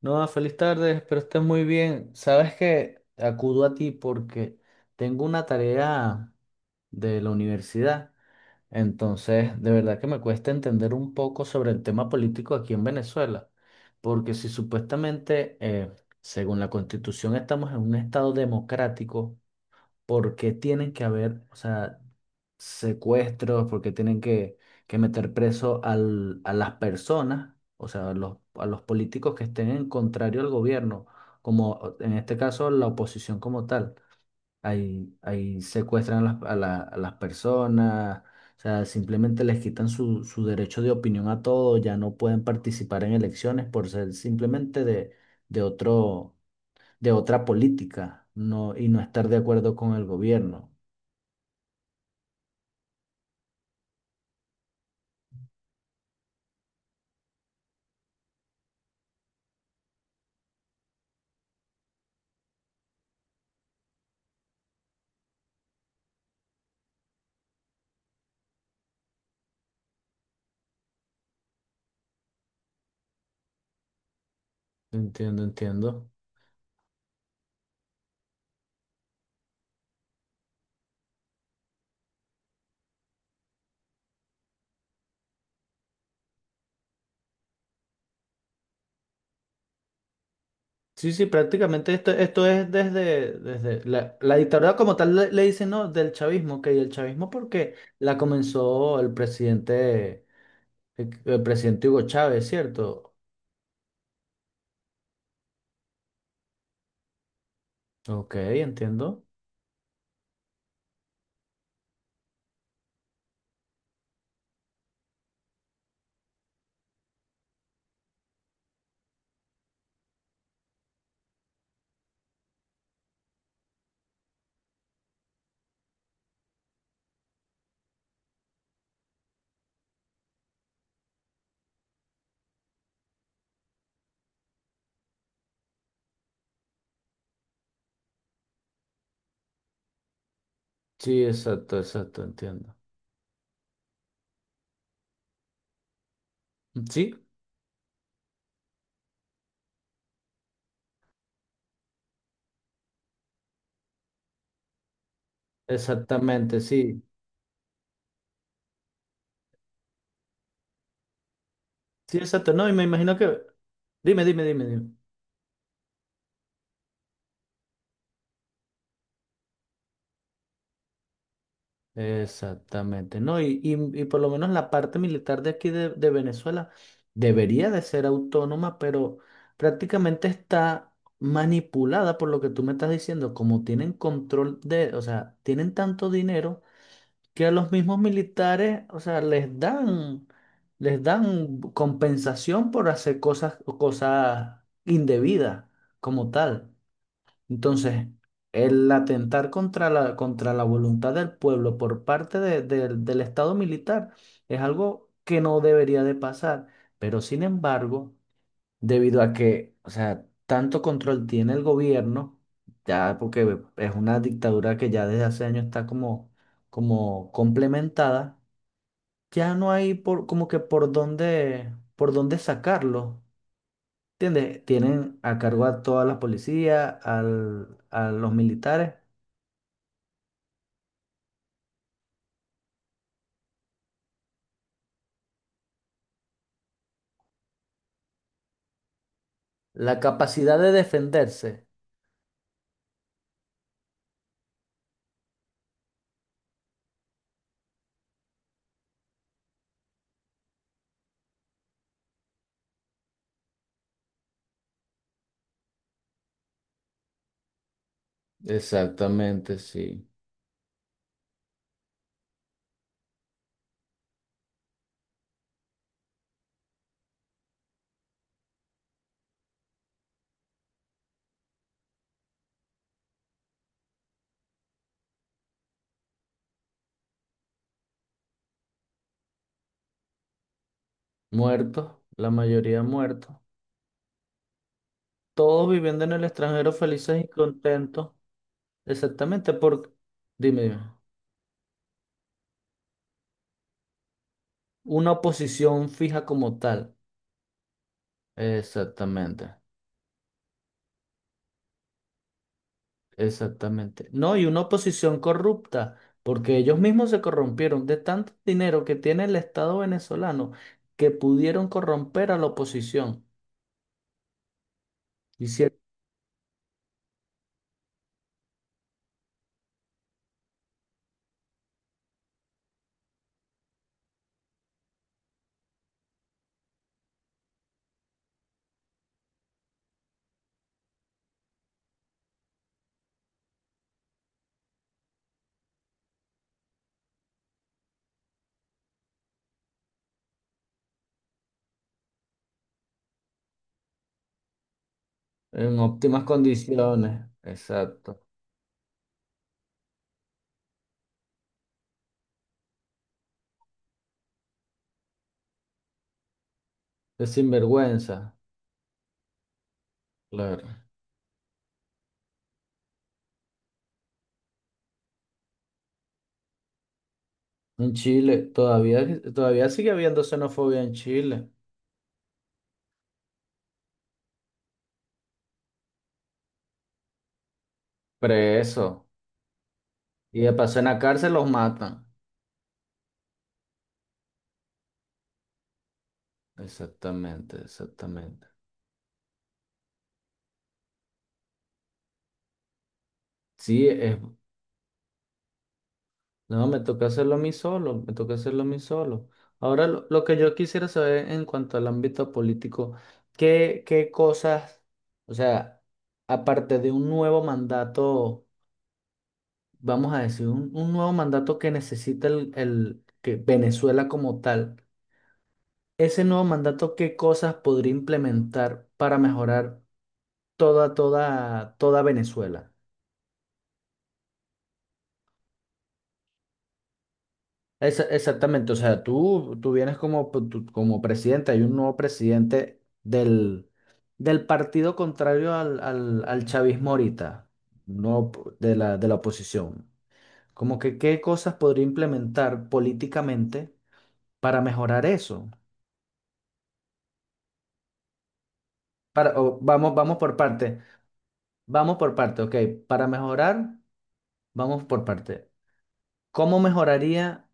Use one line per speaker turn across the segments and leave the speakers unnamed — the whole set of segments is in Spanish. No, feliz tarde, espero estés muy bien. Sabes que acudo a ti porque tengo una tarea de la universidad, entonces de verdad que me cuesta entender un poco sobre el tema político aquí en Venezuela, porque si supuestamente, según la Constitución, estamos en un estado democrático, por qué tienen que haber, o sea, secuestros, por qué que meter preso a las personas, o sea, a los políticos que estén en contrario al gobierno, como en este caso la oposición como tal. Ahí secuestran a a las personas, o sea, simplemente les quitan su derecho de opinión a todo, ya no pueden participar en elecciones por ser simplemente de otro, de otra política, no, y no estar de acuerdo con el gobierno. Entiendo, entiendo. Sí, sí, prácticamente esto es desde la dictadura como tal le dicen, ¿no? Del chavismo, que y el chavismo porque la comenzó el presidente, el presidente Hugo Chávez, ¿cierto? Ok, entiendo. Sí, exacto, exacto, entiendo. Sí, exactamente, sí. Sí, exacto, no, y me imagino que... Dime, dime, dime, dime. Exactamente, ¿no? Y por lo menos la parte militar de aquí de Venezuela debería de ser autónoma, pero prácticamente está manipulada por lo que tú me estás diciendo, como tienen control de, o sea, tienen tanto dinero que a los mismos militares, o sea, les dan compensación por hacer cosas, cosas indebidas como tal. Entonces, el atentar contra contra la voluntad del pueblo por del Estado militar es algo que no debería de pasar. Pero sin embargo, debido a que, o sea, tanto control tiene el gobierno, ya porque es una dictadura que ya desde hace años está como, como complementada, ya no hay por, como que por dónde sacarlo. ¿Entiendes? Tienen a cargo a toda la policía, a los militares. La capacidad de defenderse. Exactamente, sí. Muertos, la mayoría muertos. Todos viviendo en el extranjero felices y contentos. Exactamente, porque, dime, dime. Una oposición fija como tal. Exactamente, exactamente. No, y una oposición corrupta, porque ellos mismos se corrompieron de tanto dinero que tiene el Estado venezolano que pudieron corromper a la oposición. Hicieron en óptimas condiciones. Exacto. Es sinvergüenza, claro. En Chile, todavía, todavía sigue habiendo xenofobia en Chile. Preso. Y de paso en la cárcel los matan. Exactamente, exactamente. Sí, es, no, me toca hacerlo a mí solo, me toca hacerlo a mí solo. Ahora, lo que yo quisiera saber en cuanto al ámbito político, ¿qué, qué cosas, o sea, aparte de un nuevo mandato, vamos a decir, un nuevo mandato que necesita que Venezuela como tal? Ese nuevo mandato, ¿qué cosas podría implementar para mejorar toda, toda, toda Venezuela? Exactamente, o sea, tú vienes como, como presidente, hay un nuevo presidente del, del partido contrario al chavismo ahorita, no p- de de la oposición. Como que qué cosas podría implementar políticamente para mejorar eso. Para, o vamos, vamos por parte, ok, para mejorar, vamos por parte. ¿Cómo mejoraría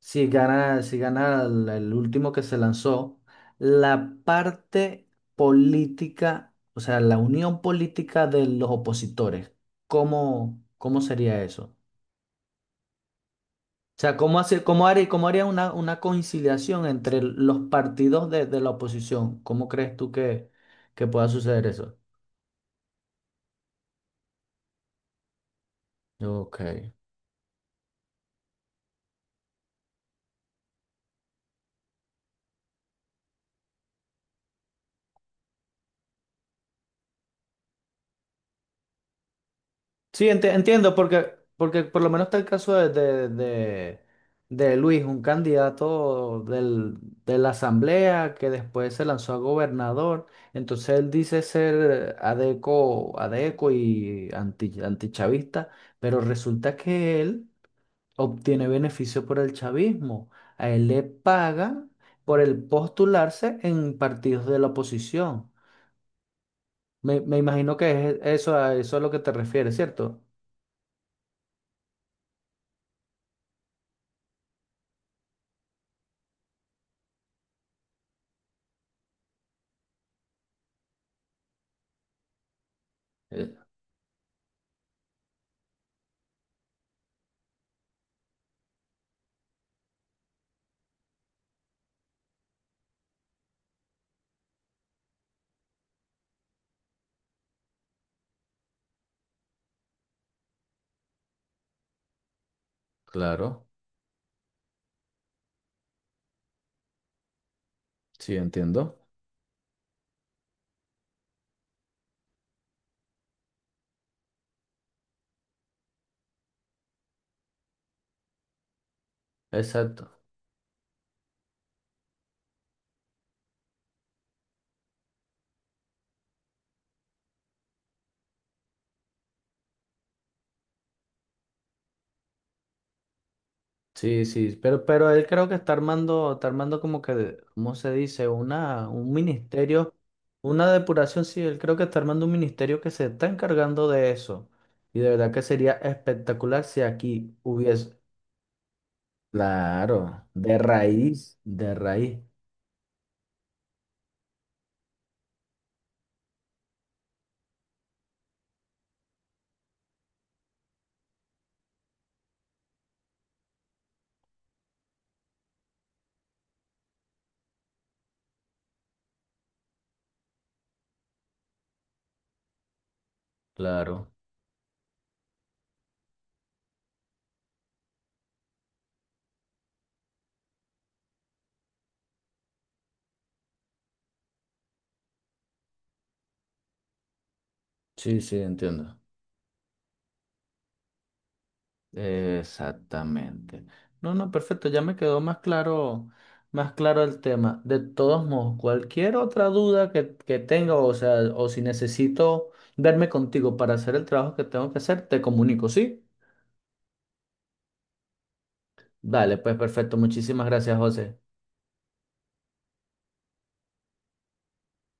si gana el último que se lanzó la parte política, o sea, la unión política de los opositores? ¿Cómo, cómo sería eso? O sea, ¿cómo hace, cómo haría una conciliación entre los partidos de la oposición? ¿Cómo crees tú que pueda suceder eso? Ok. Sí, entiendo, porque, porque por lo menos está el caso de Luis, un candidato de la asamblea que después se lanzó a gobernador. Entonces él dice ser adeco, adeco y anti, antichavista, pero resulta que él obtiene beneficio por el chavismo. A él le pagan por el postularse en partidos de la oposición. Me imagino que es eso, a eso a lo que te refieres, ¿cierto? Eh, claro. Sí, entiendo. Exacto. Sí, sí, pero él creo que está armando como que, ¿cómo se dice? Una, un ministerio, una depuración, sí, él creo que está armando un ministerio que se está encargando de eso. Y de verdad que sería espectacular si aquí hubiese, claro, de raíz, claro. Sí, sí, entiendo. Exactamente. No, no, perfecto, ya me quedó más claro el tema. De todos modos, cualquier otra duda que tenga, o sea, o si necesito verme contigo para hacer el trabajo que tengo que hacer, te comunico, ¿sí? Dale, pues perfecto, muchísimas gracias, José.